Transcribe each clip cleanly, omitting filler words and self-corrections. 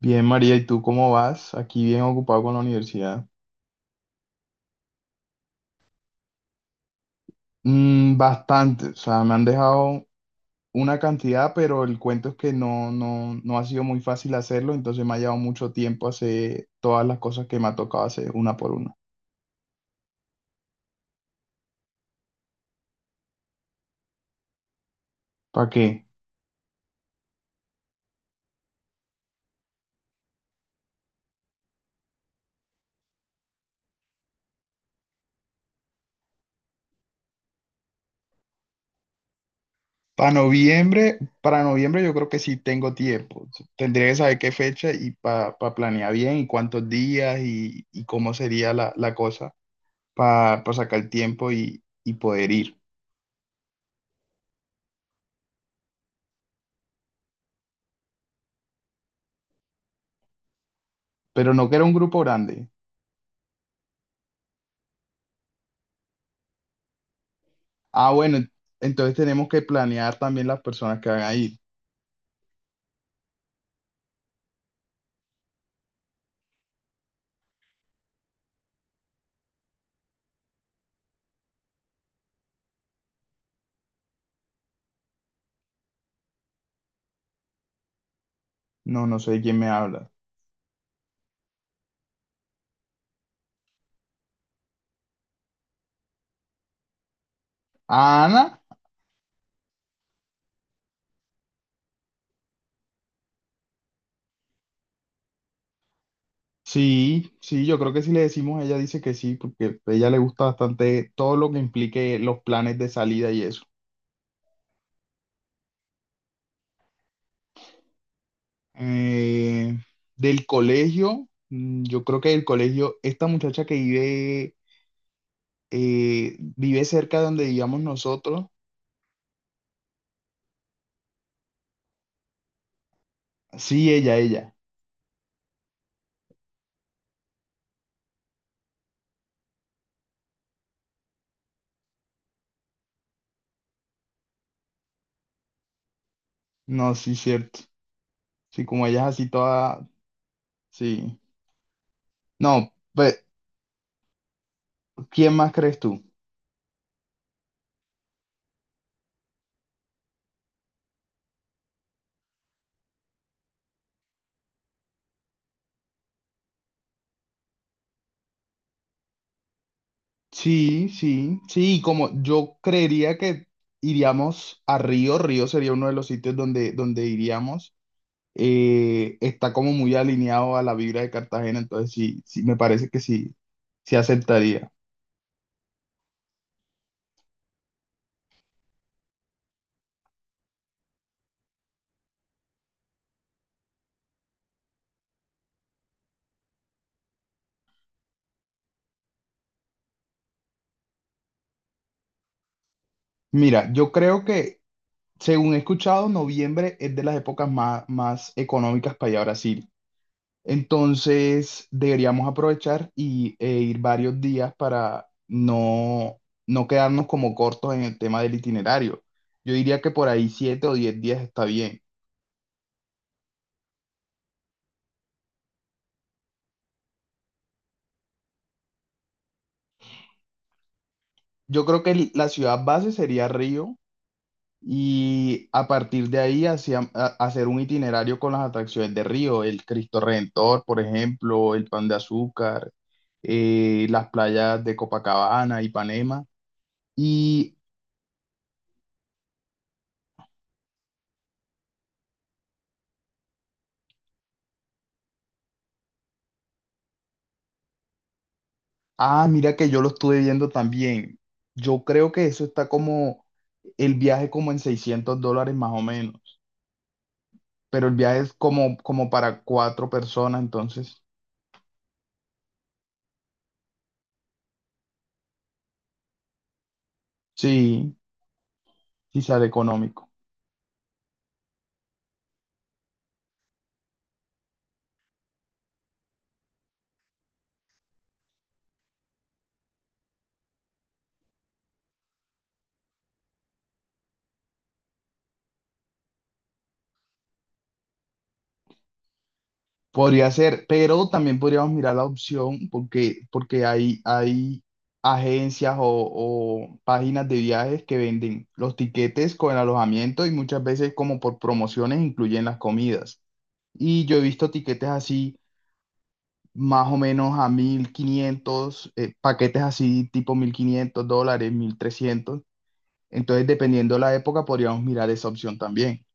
Bien, María, ¿y tú cómo vas? Aquí bien ocupado con la universidad. Bastante, o sea, me han dejado una cantidad, pero el cuento es que no ha sido muy fácil hacerlo, entonces me ha llevado mucho tiempo hacer todas las cosas que me ha tocado hacer una por una. ¿Para qué? Para noviembre yo creo que sí tengo tiempo. Tendría que saber qué fecha y para planear bien y cuántos días y cómo sería la cosa para sacar tiempo y poder ir. Pero no que era un grupo grande. Ah, bueno, entonces tenemos que planear también las personas que van a ir. No sé de quién me habla. ¿A Ana? Sí, sí, yo creo que si le decimos, ella dice que sí, porque a ella le gusta bastante todo lo que implique los planes de salida y eso. Eh, Del colegio, yo creo que del colegio, esta muchacha que vive, vive cerca de donde vivíamos nosotros. Sí, ella. No, sí, cierto. Sí, como ella es así toda, sí. No, pues, ¿quién más crees tú? Sí, sí, sí, y como yo creería que iríamos a Río, Río sería uno de los sitios donde, donde iríamos, está como muy alineado a la vibra de Cartagena, entonces sí, sí, me parece que sí, sí aceptaría. Mira, según he escuchado, noviembre es de las épocas más económicas para ir a Brasil. Entonces, deberíamos aprovechar e ir varios días para no quedarnos como cortos en el tema del itinerario. Yo diría que por ahí 7 o 10 días está bien. Yo creo que la ciudad base sería Río y a partir de ahí hacer un itinerario con las atracciones de Río, el Cristo Redentor, por ejemplo, el Pan de Azúcar, las playas de Copacabana, Ipanema. Y ah, mira que yo lo estuve viendo también. Yo creo que eso está como el viaje como en $600 más o menos, pero el viaje es como para 4 personas, entonces sí, sí sale económico. Podría ser, pero también podríamos mirar la opción porque hay agencias o páginas de viajes que venden los tiquetes con el alojamiento y muchas veces como por promociones incluyen las comidas. Y yo he visto tiquetes así más o menos a 1.500, paquetes así tipo $1.500, 1.300. Entonces, dependiendo de la época, podríamos mirar esa opción también.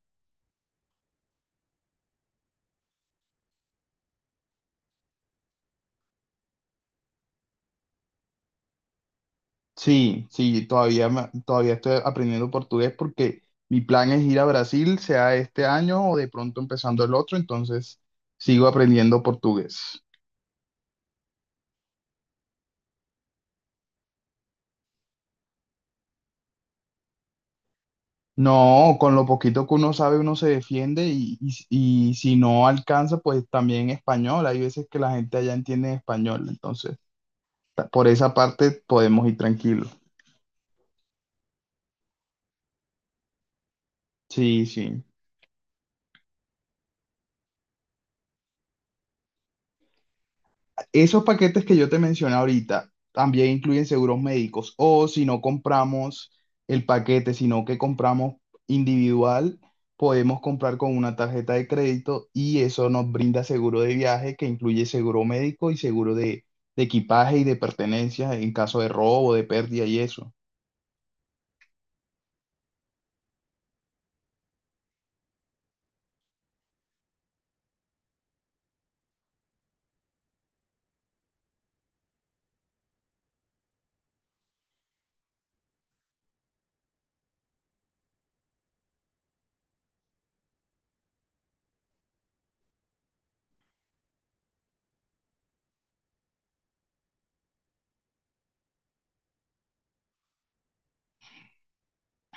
Sí, sí, todavía estoy aprendiendo portugués porque mi plan es ir a Brasil, sea este año o de pronto empezando el otro, entonces sigo aprendiendo portugués. No, con lo poquito que uno sabe, uno se defiende y si no alcanza, pues también español. Hay veces que la gente allá entiende español, entonces por esa parte podemos ir tranquilos. Sí, sí. Esos paquetes que yo te mencioné ahorita también incluyen seguros médicos. O si no compramos el paquete, sino que compramos individual, podemos comprar con una tarjeta de crédito y eso nos brinda seguro de viaje que incluye seguro médico y seguro de equipaje y de pertenencias en caso de robo, de pérdida y eso.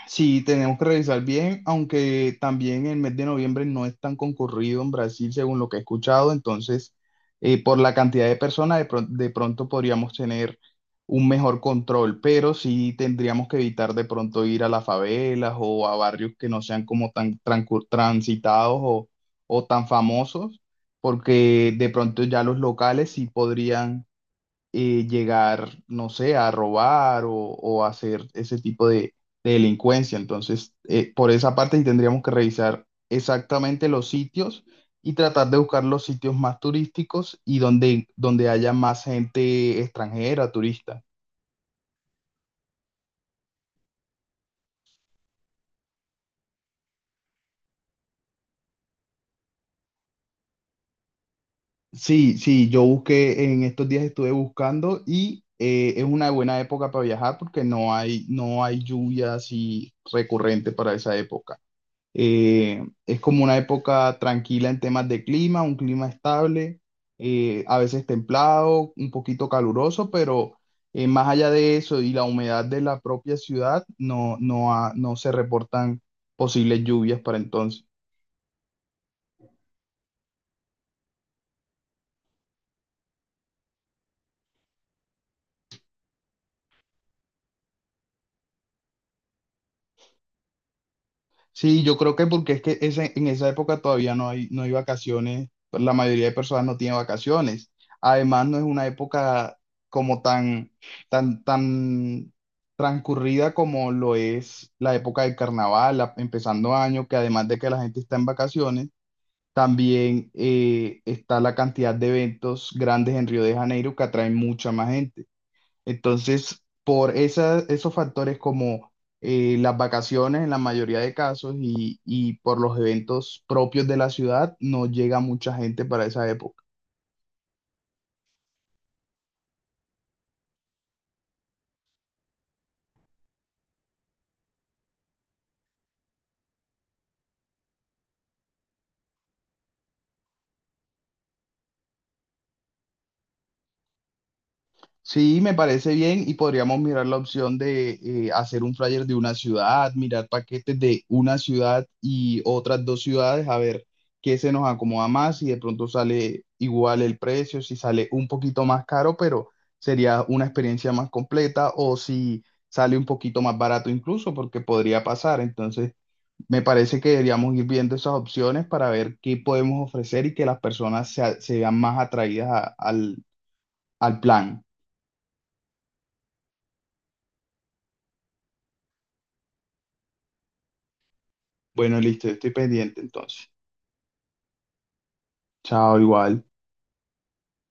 Sí, tenemos que revisar bien, aunque también el mes de noviembre no es tan concurrido en Brasil, según lo que he escuchado. Entonces, por la cantidad de personas, de pronto podríamos tener un mejor control, pero sí tendríamos que evitar de pronto ir a las favelas o a barrios que no sean como transitados o tan famosos, porque de pronto ya los locales sí podrían llegar, no sé, a robar o hacer ese tipo de delincuencia. Entonces, por esa parte sí tendríamos que revisar exactamente los sitios y tratar de buscar los sitios más turísticos y donde, donde haya más gente extranjera, turista. Sí, sí, yo busqué, en estos días estuve buscando y es una buena época para viajar porque no hay lluvia así recurrente para esa época. Es como una época tranquila en temas de clima, un clima estable, a veces templado, un poquito caluroso, pero más allá de eso y la humedad de la propia ciudad, no se reportan posibles lluvias para entonces. Sí, yo creo que porque es que en esa época todavía no hay vacaciones, pues, la mayoría de personas no tiene vacaciones. Además, no es una época como tan, tan transcurrida como lo es la época del carnaval, empezando año, que además de que la gente está en vacaciones, también está la cantidad de eventos grandes en Río de Janeiro que atraen mucha más gente. Entonces, esos factores como las vacaciones en la mayoría de casos y por los eventos propios de la ciudad, no llega mucha gente para esa época. Sí, me parece bien y podríamos mirar la opción de hacer un flyer de una ciudad, mirar paquetes de una ciudad y otras 2 ciudades, a ver qué se nos acomoda más, si de pronto sale igual el precio, si sale un poquito más caro, pero sería una experiencia más completa o si sale un poquito más barato incluso, porque podría pasar. Entonces, me parece que deberíamos ir viendo esas opciones para ver qué podemos ofrecer y que las personas se vean más atraídas al al plan. Bueno, listo, estoy pendiente entonces. Chao, igual.